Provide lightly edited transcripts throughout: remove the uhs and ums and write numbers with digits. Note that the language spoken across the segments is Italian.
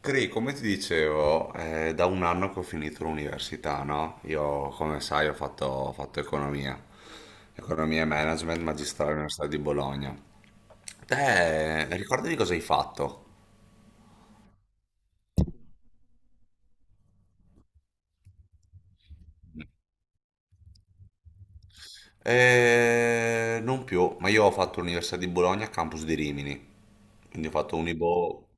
Cri, come ti dicevo, è da un anno che ho finito l'università, no? Io, come sai, ho fatto economia, economia e management magistrale all'Università di Bologna. Te, ricordati cosa hai fatto? Non più, ma io ho fatto l'Università di Bologna, campus di Rimini, quindi ho fatto Unibo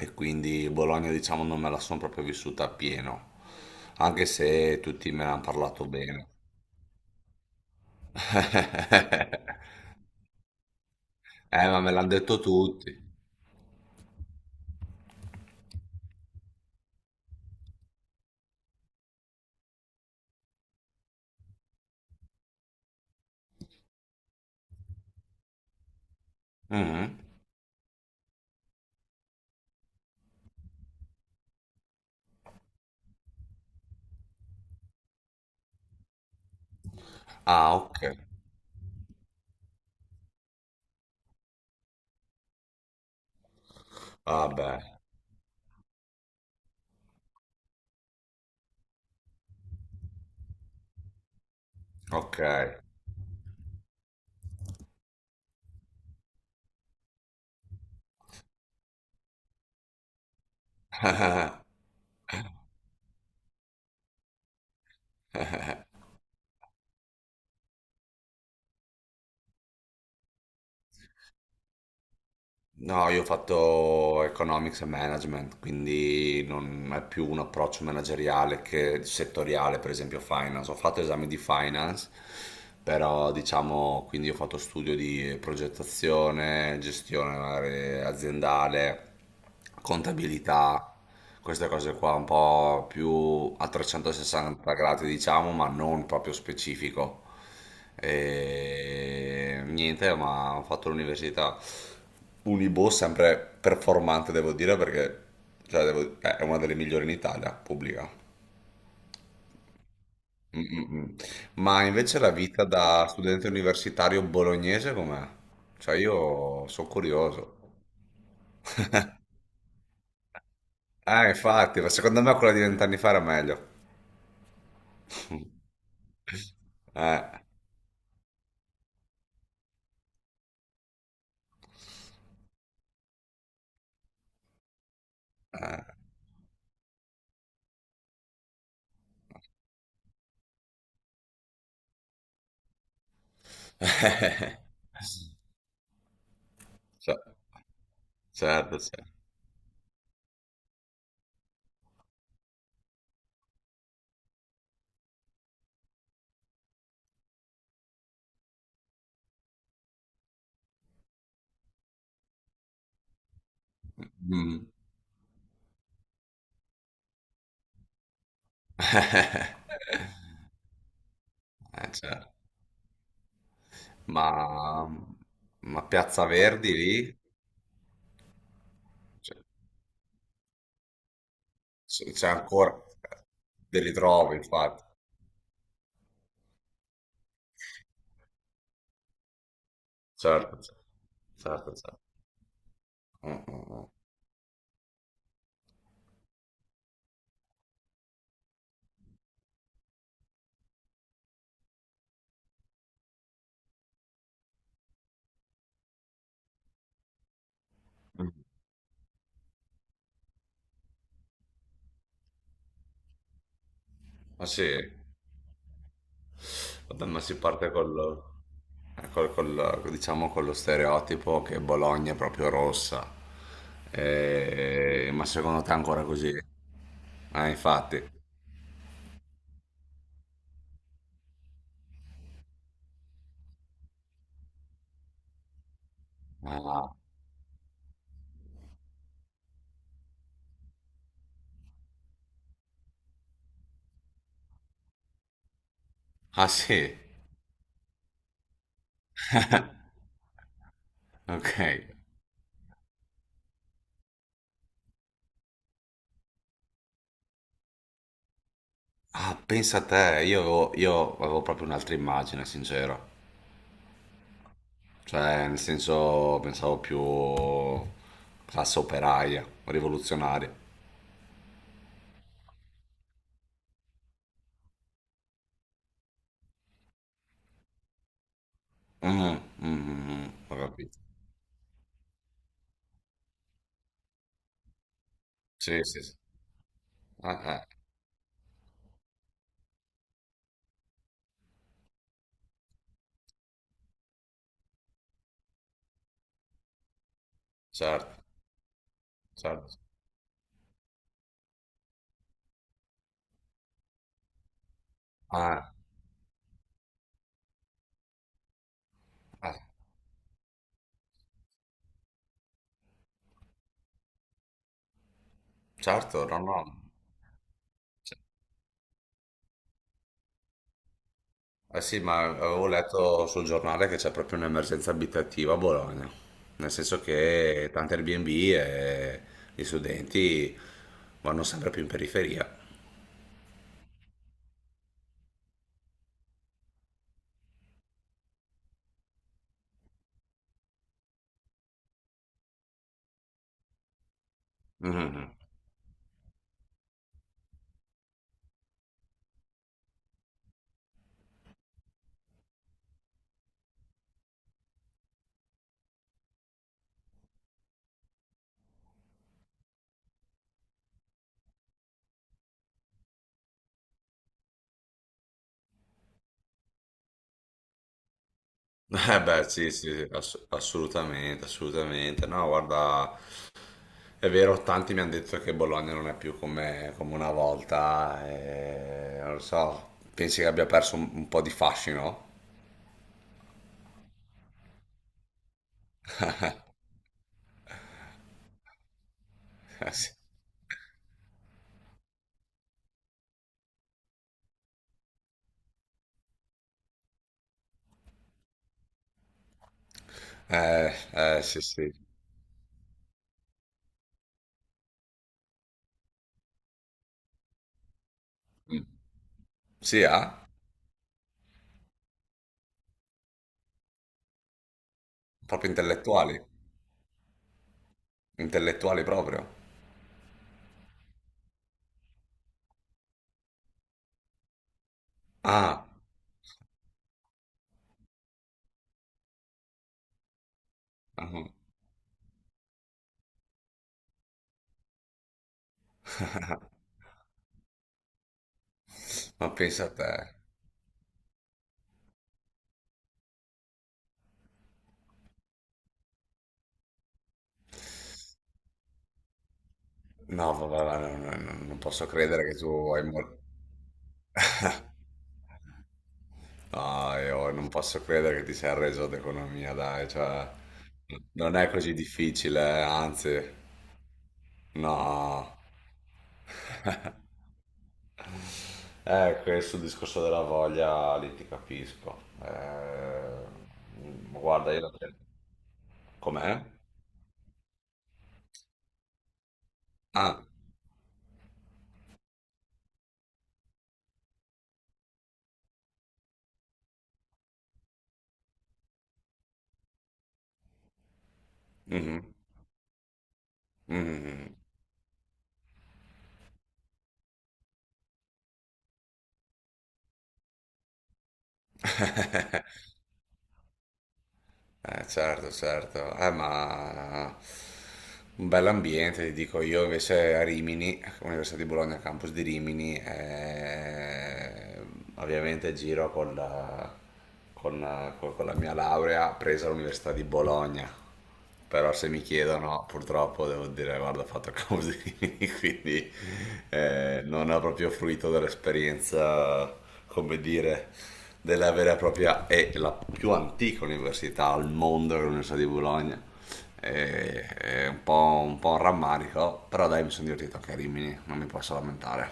e quindi Bologna, diciamo, non me la sono proprio vissuta appieno, anche se tutti me ne hanno parlato bene. Ma me l'hanno detto tutti. Mhm. Ah, ok. Vabbè, ok. No, io ho fatto economics e management, quindi non è più un approccio manageriale che settoriale, per esempio finance. Ho fatto esami di finance, però diciamo, quindi ho fatto studio di progettazione, gestione magari aziendale, contabilità, queste cose qua un po' più a 360 gradi, diciamo, ma non proprio specifico. E niente, ma ho fatto l'università Unibo, sempre performante, devo dire, perché cioè, è una delle migliori in Italia, pubblica. Mm, mm, mm. Ma invece la vita da studente universitario bolognese com'è? Cioè io sono curioso. Ah, infatti, ma secondo me quella di vent'anni fa era meglio. Eh. Ce- certo, certo. Mm. Certo. Ma, ma Piazza Verdi lì. Cioè, c'è ancora, te li trovi infatti. Certo, certo, certo, certo. Mm, mm, mm. Mm. Ma sì. Vabbè, ma si parte col, diciamo con lo stereotipo che Bologna è proprio rossa. Ma secondo te è ancora così? Ah, infatti. Ah, ah, sì. Ok. Ah, pensa a te, io avevo proprio un'altra immagine, sincero. Cioè, nel senso, pensavo più classe operaia, rivoluzionaria. Mm, mm, mm, mm, ho capito. Sì, sì, sì. Eh. Certo, certo. Ah. Eh, certo, no, no. Eh sì, ma avevo letto sul giornale che c'è proprio un'emergenza abitativa a Bologna, nel senso che tante Airbnb e gli studenti vanno sempre più in periferia. Mhm. Eh beh, sì, sì, sì, assolutamente, assolutamente. No, guarda, è vero, tanti mi hanno detto che Bologna non è più come, come una volta, e, non lo so, pensi che abbia perso un po' di fascino? Eh sì. Sì, sì. Mm. Sì, ah? Proprio intellettuali. Intellettuali proprio. Ah, ah, ma pensa a te. No, vabbè, va, no, no, no, non posso credere che tu hai molto... No, io non posso credere che ti sei arreso ad economia, dai, cioè... Non è così difficile, anzi... No. Questo discorso della voglia, lì ti capisco. Guarda, io la... Com'è? Ah, mhm, mhm. Certo, certo. Ma un bell'ambiente, ti dico io invece a Rimini, Università di Bologna, campus di Rimini, ovviamente giro con la, con la mia laurea presa all'Università di Bologna. Però se mi chiedono, purtroppo devo dire, guarda, ho fatto così, quindi non ho proprio fruito dell'esperienza, come dire, della vera e propria e la più antica università al mondo, l'Università di Bologna. È un po', un po' un rammarico, però dai, mi sono divertito anche a Rimini, non mi posso lamentare.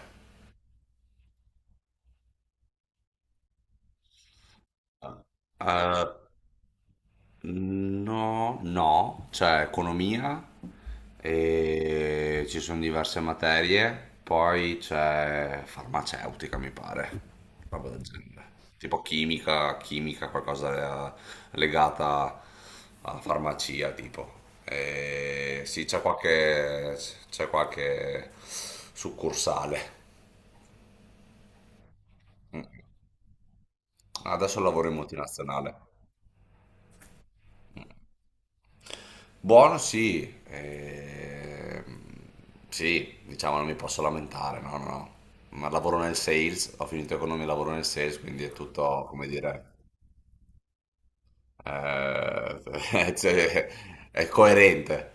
Ah. No, no, c'è economia e ci sono diverse materie, poi c'è farmaceutica, mi pare, roba del genere. Tipo chimica, chimica, qualcosa legata a farmacia, tipo. E sì, c'è qualche succursale. Mm. Adesso lavoro in multinazionale. Buono sì, sì, diciamo non mi posso lamentare, no, no, no. Ma lavoro nel sales, ho finito economia e lavoro nel sales, quindi è tutto, come dire, cioè, è coerente.